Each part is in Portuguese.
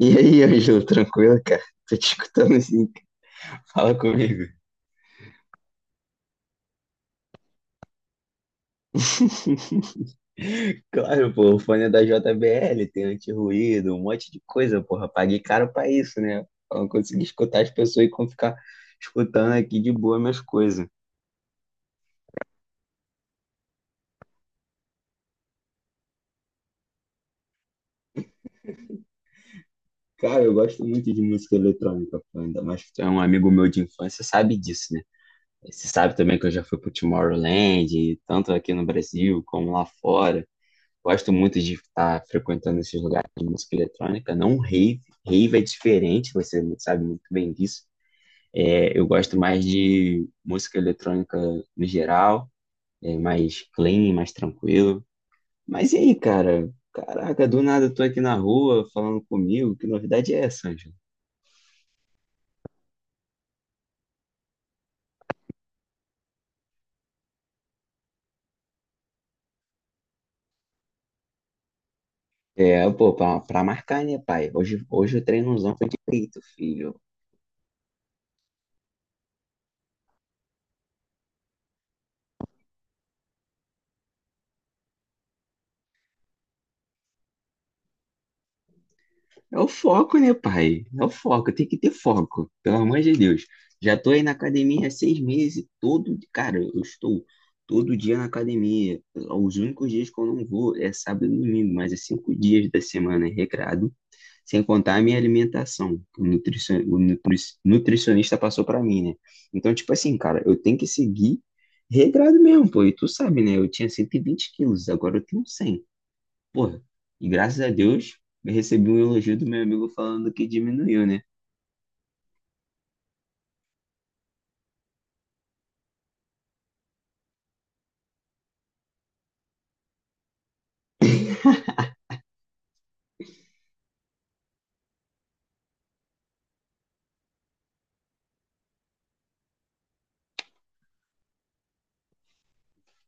E aí, Ângelo, tranquilo, cara? Tô te escutando assim, fala comigo. Claro, pô, o fone é da JBL, tem anti-ruído, um monte de coisa, porra. Paguei caro pra isso, né? Pra não conseguir escutar as pessoas e como ficar escutando aqui de boa minhas coisas. Cara, eu gosto muito de música eletrônica, pô, ainda mais que tu é um amigo meu de infância, sabe disso, né? Você sabe também que eu já fui pro Tomorrowland, tanto aqui no Brasil como lá fora. Gosto muito de estar frequentando esses lugares de música eletrônica, não rave. Rave é diferente, você sabe muito bem disso. É, eu gosto mais de música eletrônica no geral, é mais clean, mais tranquilo. Mas e aí, cara? Caraca, do nada eu tô aqui na rua falando comigo. Que novidade é essa, Ângelo? É, pô, pra marcar, né, pai? Hoje o treinozão foi de peito, filho. É o foco, né, pai? É o foco, tem que ter foco, pelo amor de Deus. Já tô aí na academia há 6 meses, todo, cara, eu estou todo dia na academia. Os únicos dias que eu não vou é sábado e domingo, mas é 5 dias da semana é recrado, sem contar a minha alimentação, que o, o nutricionista passou pra mim, né? Então, tipo assim, cara, eu tenho que seguir regrado mesmo, pô, e tu sabe, né? Eu tinha 120 quilos, agora eu tenho 100. Porra, e graças a Deus eu recebi um elogio do meu amigo falando que diminuiu, né?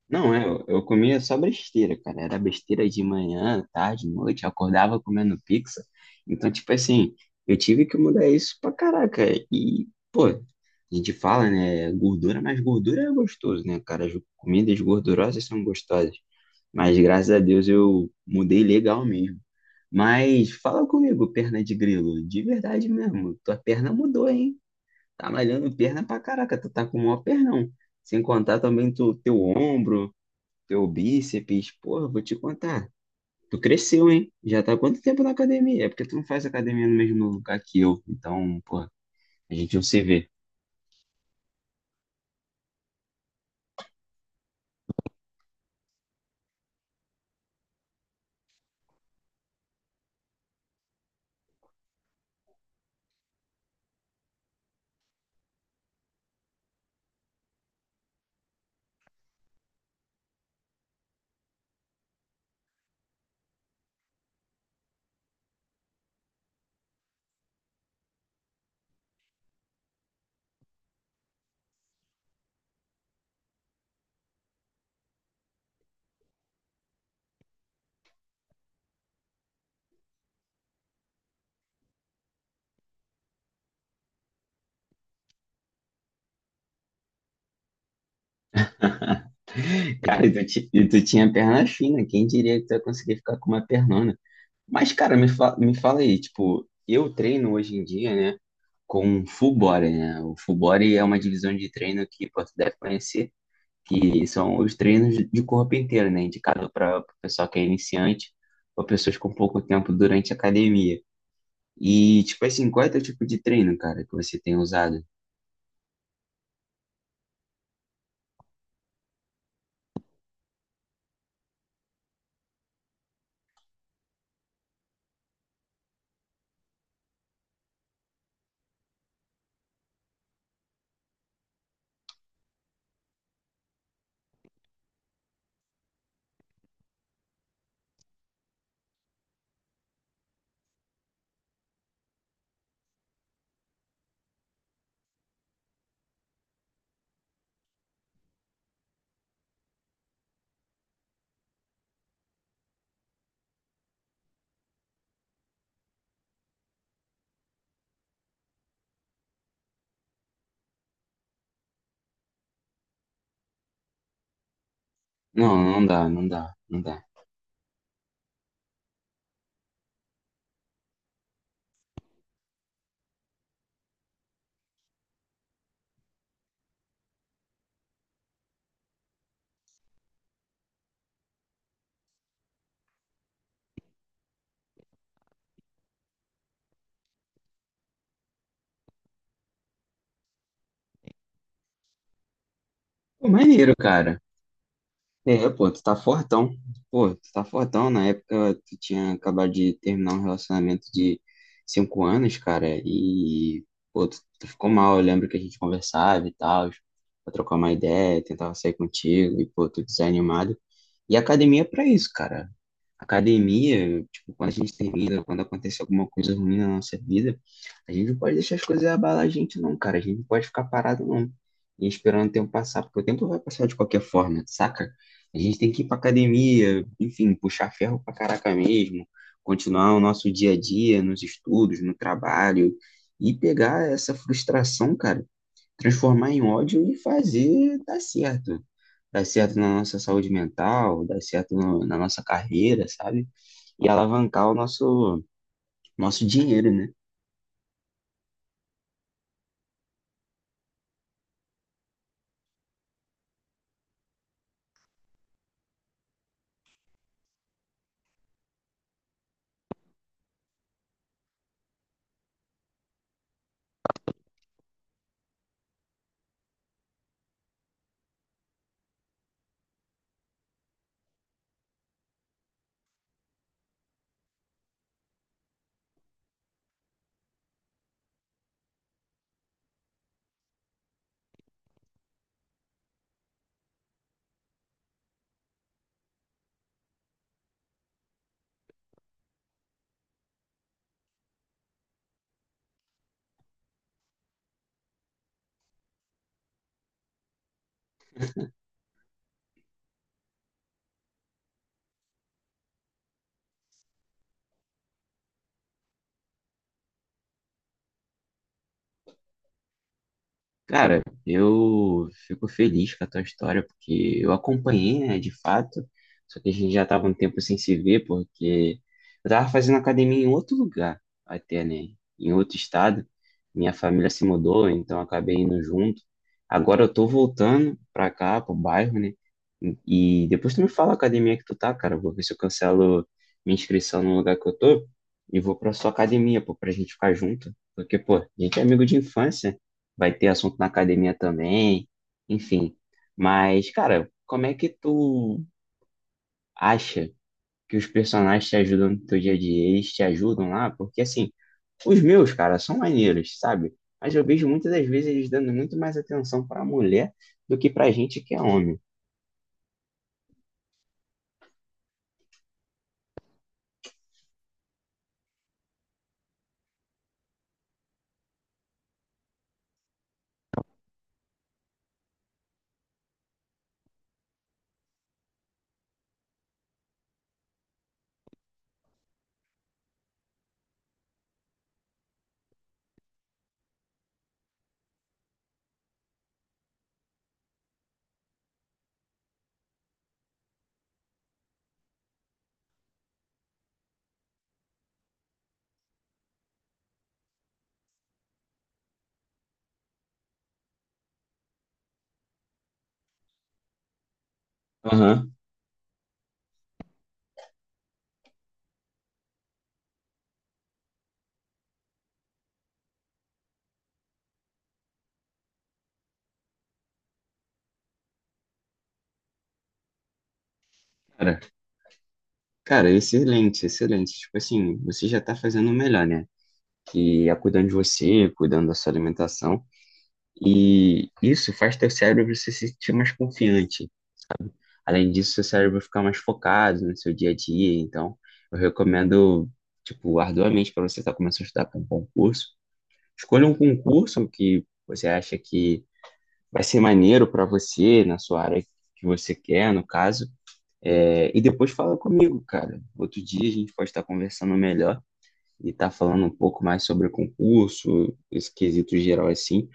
Não, é, eu comia só besteira, cara. Era besteira de manhã, tarde, noite, eu acordava comendo pizza. Então, tipo assim, eu tive que mudar isso pra caraca. E, pô, a gente fala, né, gordura, mas gordura é gostoso, né, cara? As comidas gordurosas são gostosas. Mas graças a Deus eu mudei legal mesmo. Mas fala comigo, perna de grilo, de verdade mesmo, tua perna mudou, hein? Tá malhando perna pra caraca, tu tá com o maior pernão. Sem contar também tu, teu ombro, teu bíceps. Porra, vou te contar. Tu cresceu, hein? Já tá há quanto tempo na academia? É porque tu não faz academia no mesmo lugar que eu. Então, porra, a gente não se vê. Cara, e tu tinha perna fina, quem diria que tu ia conseguir ficar com uma pernona? Mas, cara, me fala aí, tipo, eu treino hoje em dia, né, com full body, né? O full body é uma divisão de treino que pô, tu deve conhecer que são os treinos de corpo inteiro, né? Indicado para o pessoal que é iniciante ou pessoas com pouco tempo durante a academia. E, tipo assim, qual é teu tipo de treino, cara, que você tem usado? Não, não dá, não dá, não dá. Pô, maneiro, cara. É, pô, tu tá fortão. Pô, tu tá fortão. Na época, tu tinha acabado de terminar um relacionamento de 5 anos, cara, e, pô, tu ficou mal. Eu lembro que a gente conversava e tal, pra trocar uma ideia, tentava sair contigo, e, pô, tu desanimado. E a academia é pra isso, cara. Academia, tipo, quando a gente termina, quando acontece alguma coisa ruim na nossa vida, a gente não pode deixar as coisas abalar a gente, não, cara. A gente não pode ficar parado, não. E esperando o tempo passar, porque o tempo vai passar de qualquer forma, saca? A gente tem que ir pra academia, enfim, puxar ferro pra caraca mesmo, continuar o nosso dia a dia, nos estudos, no trabalho, e pegar essa frustração, cara, transformar em ódio e fazer dar certo na nossa saúde mental, dar certo na nossa carreira, sabe? E alavancar o nosso dinheiro, né? Cara, eu fico feliz com a tua história, porque eu acompanhei, né, de fato, só que a gente já tava um tempo sem se ver, porque eu tava fazendo academia em outro lugar, até, né, em outro estado, minha família se mudou, então eu acabei indo junto, agora eu tô voltando pra cá, pro bairro, né, e depois tu me fala a academia que tu tá, cara, eu vou ver se eu cancelo minha inscrição no lugar que eu tô, e vou pra sua academia, pô, pra gente ficar junto, porque, pô, a gente é amigo de infância, vai ter assunto na academia também, enfim. Mas, cara, como é que tu acha que os personagens te ajudam no teu dia a dia? Eles te ajudam lá? Porque, assim, os meus, cara, são maneiros, sabe? Mas eu vejo muitas das vezes eles dando muito mais atenção pra mulher do que pra gente que é homem. Aham. Cara, cara, excelente, excelente. Tipo assim, você já tá fazendo o melhor, né? Que é cuidando de você, cuidando da sua alimentação. E isso faz teu cérebro se sentir mais confiante. Além disso, seu cérebro fica mais focado no seu dia a dia. Então, eu recomendo, tipo, arduamente para você estar começando a estudar para um concurso. Escolha um concurso que você acha que vai ser maneiro para você, na sua área que você quer, no caso. É, e depois fala comigo, cara. Outro dia a gente pode estar conversando melhor e estar falando um pouco mais sobre o concurso, esse quesito geral assim.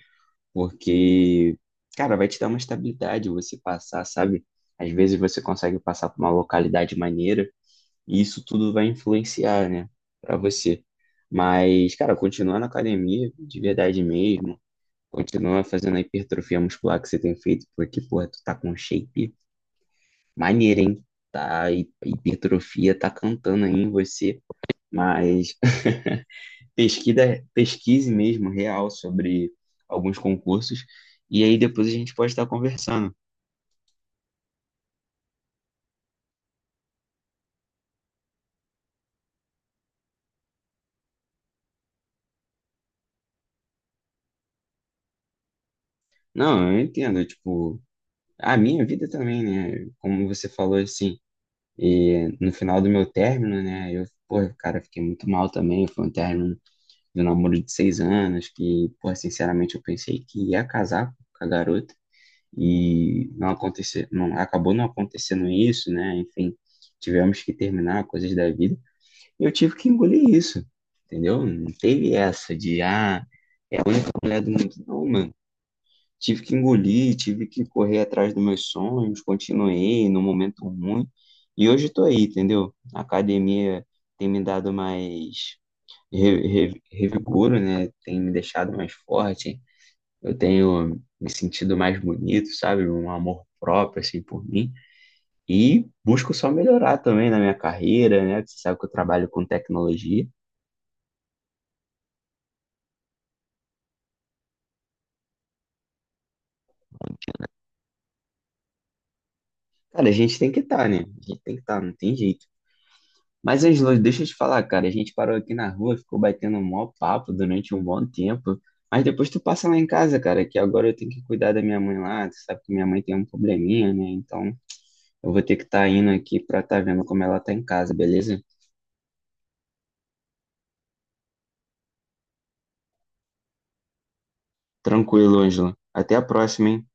Porque, cara, vai te dar uma estabilidade você passar, sabe? Às vezes você consegue passar por uma localidade maneira e isso tudo vai influenciar, né, pra você. Mas, cara, continua na academia de verdade mesmo, continua fazendo a hipertrofia muscular que você tem feito, porque, porra, tu tá com um shape maneiro, hein? Tá, a a hipertrofia tá cantando aí em você, mas pesquisa, pesquise mesmo, real, sobre alguns concursos, e aí depois a gente pode estar conversando. Não, eu entendo, tipo, a minha vida também, né? Como você falou assim, e no final do meu término, né? Eu, pô, cara, fiquei muito mal também. Foi um término de um namoro de 6 anos, que, pô, sinceramente eu pensei que ia casar com a garota, e não aconteceu, não, acabou não acontecendo isso, né? Enfim, tivemos que terminar coisas da vida. Eu tive que engolir isso, entendeu? Não teve essa de, ah, é a única mulher do mundo. Não, mano. Tive que engolir, tive que correr atrás dos meus sonhos, continuei no momento ruim. E hoje tô aí, entendeu? A academia tem me dado mais revigoro, né? Tem me deixado mais forte. Eu tenho me sentido mais bonito, sabe? Um amor próprio, assim, por mim. E busco só melhorar também na minha carreira, né? Você sabe que eu trabalho com tecnologia. Cara, a gente tem que estar, né? A gente tem que estar, não tem jeito. Mas, Angelo, deixa eu te falar, cara. A gente parou aqui na rua, ficou batendo um maior papo durante um bom tempo. Mas depois tu passa lá em casa, cara, que agora eu tenho que cuidar da minha mãe lá. Tu sabe que minha mãe tem um probleminha, né? Então eu vou ter que estar indo aqui pra estar vendo como ela tá em casa, beleza? Tranquilo, Ângelo. Até a próxima, hein?